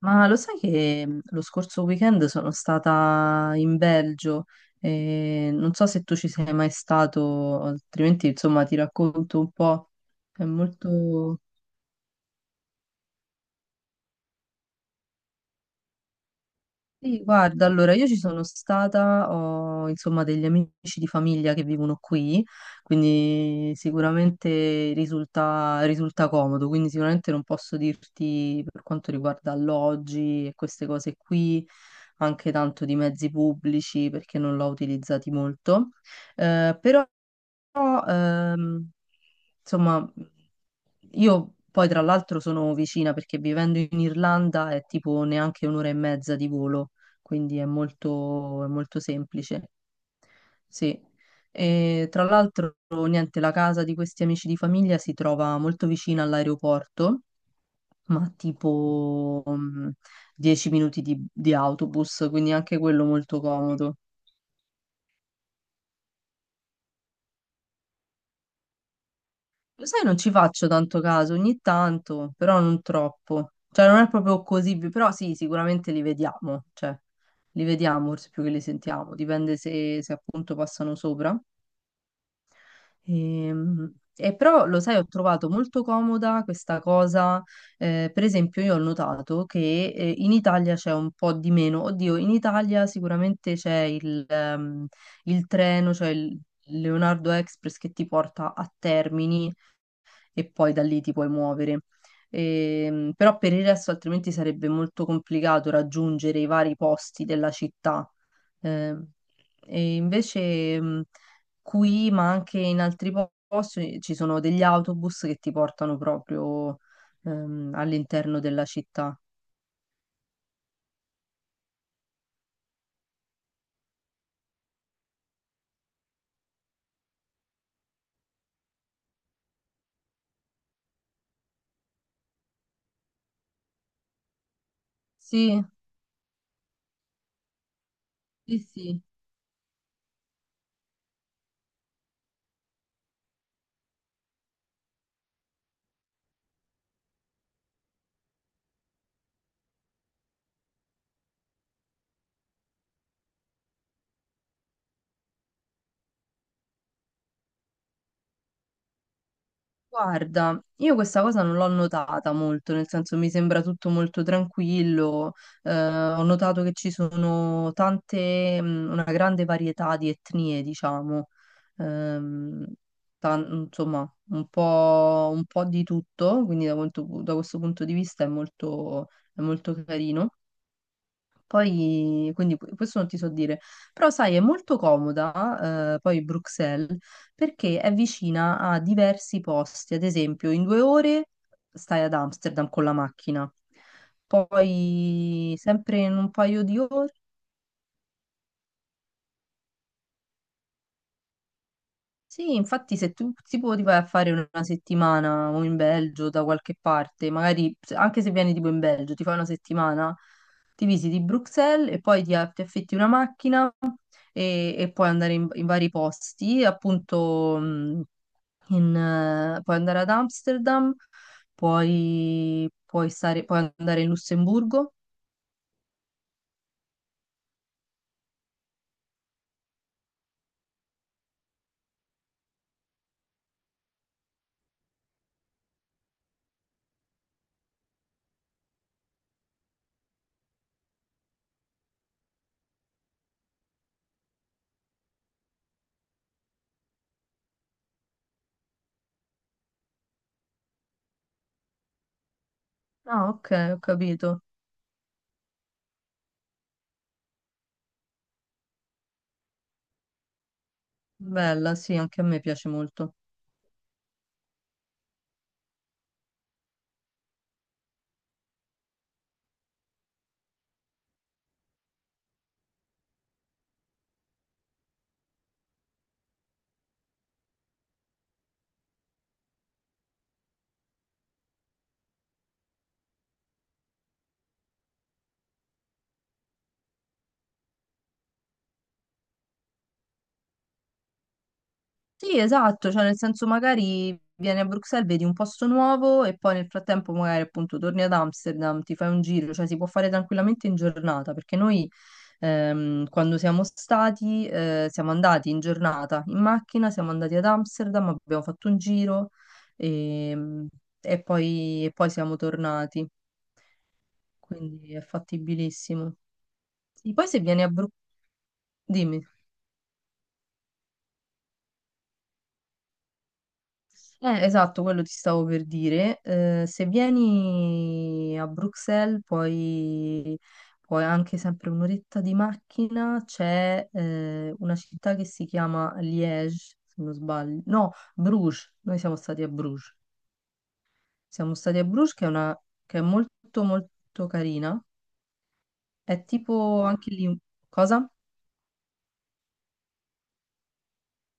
Ma lo sai che lo scorso weekend sono stata in Belgio e non so se tu ci sei mai stato, altrimenti insomma ti racconto un po'. È molto. Sì, guarda, allora io ci sono stata, ho insomma degli amici di famiglia che vivono qui, quindi sicuramente risulta comodo, quindi sicuramente non posso dirti per quanto riguarda alloggi e queste cose qui, anche tanto di mezzi pubblici perché non l'ho utilizzati molto, eh, però però, insomma, io poi tra l'altro sono vicina perché vivendo in Irlanda è tipo neanche un'ora e mezza di volo, quindi è molto semplice. Sì. E tra l'altro, niente, la casa di questi amici di famiglia si trova molto vicina all'aeroporto, ma tipo 10 minuti di autobus, quindi anche quello molto comodo. Lo sai, non ci faccio tanto caso, ogni tanto, però non troppo. Cioè, non è proprio così, però sì, sicuramente li vediamo, cioè, li vediamo forse più che li sentiamo, dipende se appunto passano sopra. Però, lo sai, ho trovato molto comoda questa cosa, per esempio io ho notato che in Italia c'è un po' di meno. Oddio, in Italia sicuramente c'è il treno, cioè il Leonardo Express che ti porta a Termini e poi da lì ti puoi muovere. Però per il resto altrimenti sarebbe molto complicato raggiungere i vari posti della città. Ehm, e invece qui, ma anche in altri posti, ci sono degli autobus che ti portano proprio all'interno della città. Sì, sì, sì. Guarda, io questa cosa non l'ho notata molto, nel senso mi sembra tutto molto tranquillo, ho notato che ci sono tante, una grande varietà di etnie, diciamo, ehm, insomma, un po' di tutto, quindi da questo punto di vista è molto carino. Poi, quindi questo non ti so dire, però sai, è molto comoda, poi Bruxelles, perché è vicina a diversi posti, ad esempio in due ore stai ad Amsterdam con la macchina, poi sempre in un paio di ore. Sì, infatti se tu tipo ti puoi tipo, vai a fare una settimana o in Belgio da qualche parte, magari anche se vieni tipo in Belgio, ti fai una settimana, ti visiti Bruxelles e poi ti affitti una macchina e puoi andare in vari posti, appunto puoi andare ad Amsterdam, puoi stare, puoi andare in Lussemburgo. Ah, ok, ho capito. Bella, sì, anche a me piace molto. Sì, esatto, cioè nel senso magari vieni a Bruxelles, vedi un posto nuovo e poi nel frattempo magari appunto torni ad Amsterdam, ti fai un giro, cioè si può fare tranquillamente in giornata, perché noi quando siamo stati siamo andati in giornata in macchina, siamo andati ad Amsterdam, abbiamo fatto un giro, ehm, e poi siamo tornati, quindi è fattibilissimo. E poi se vieni a Bruxelles, dimmi. Esatto, quello ti stavo per dire. Se vieni a Bruxelles, poi anche sempre un'oretta di macchina, c'è una città che si chiama Liège, se non sbaglio. No, Bruges. Noi siamo stati a Bruges. Siamo stati a Bruges, che è molto, molto carina. È tipo anche lì... Cosa?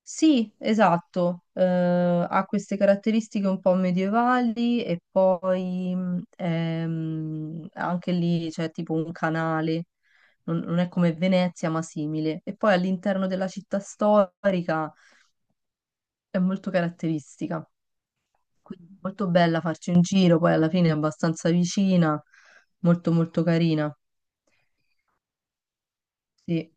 Sì, esatto, ha queste caratteristiche un po' medievali e poi anche lì c'è tipo un canale, non è come Venezia ma simile. E poi all'interno della città storica è molto caratteristica, quindi molto bella farci un giro, poi alla fine è abbastanza vicina, molto molto carina. Sì.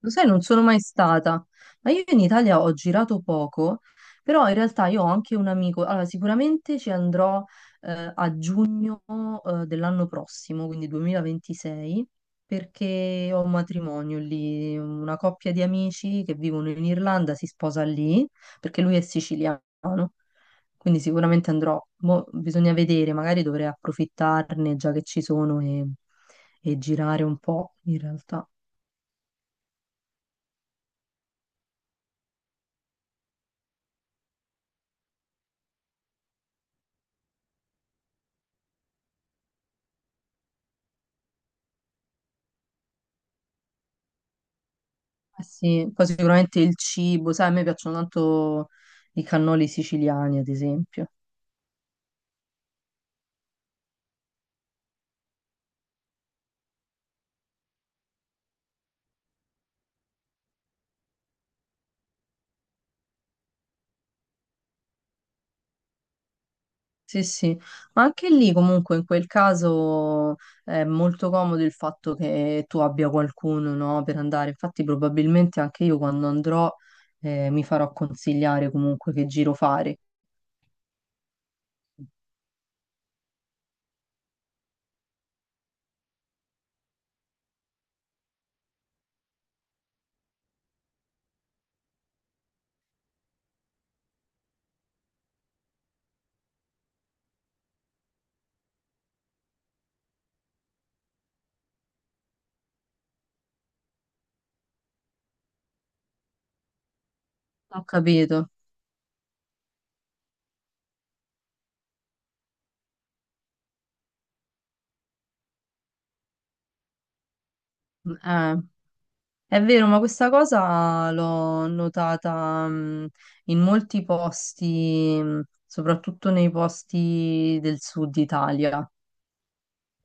Lo sai, non sono mai stata, ma io in Italia ho girato poco, però in realtà io ho anche un amico, allora sicuramente ci andrò a giugno dell'anno prossimo, quindi 2026, perché ho un matrimonio lì, una coppia di amici che vivono in Irlanda si sposa lì, perché lui è siciliano, quindi sicuramente andrò. Mo bisogna vedere, magari dovrei approfittarne già che ci sono e girare un po' in realtà. Eh sì, poi sicuramente il cibo, sai, a me piacciono tanto i cannoli siciliani, ad esempio. Sì, sì, ma anche lì comunque in quel caso è molto comodo il fatto che tu abbia qualcuno, no, per andare. Infatti probabilmente anche io quando andrò mi farò consigliare comunque che giro fare. Ho capito. Eh. È vero, ma questa cosa l'ho notata, in molti posti, soprattutto nei posti del sud Italia.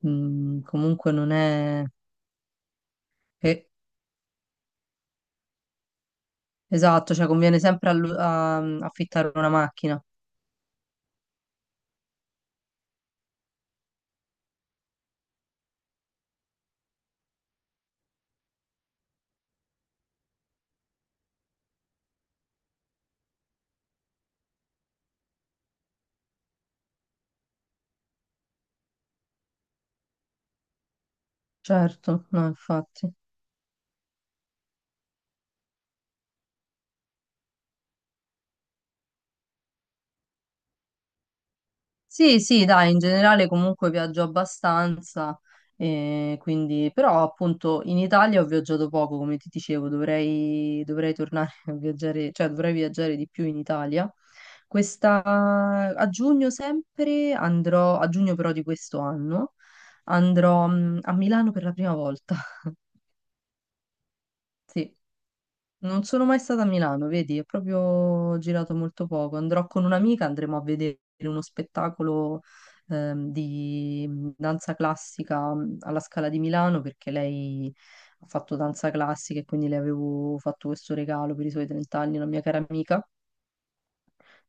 Mm, comunque non è... Eh, esatto, cioè conviene sempre affittare una macchina. Certo, no, infatti. Sì, sì, dai, in generale comunque viaggio abbastanza, quindi, però appunto in Italia ho viaggiato poco, come ti dicevo, dovrei tornare a viaggiare, cioè dovrei viaggiare di più in Italia. Questa, a giugno sempre andrò, a giugno però di questo anno, andrò a Milano per la prima volta, sì. Non sono mai stata a Milano, vedi, ho proprio girato molto poco. Andrò con un'amica, andremo a vedere uno spettacolo di danza classica alla Scala di Milano perché lei ha fatto danza classica e quindi le avevo fatto questo regalo per i suoi 30 anni, una mia cara amica,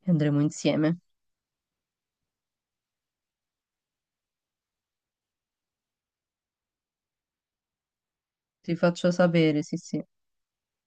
e andremo insieme. Ti faccio sapere, sì, sì.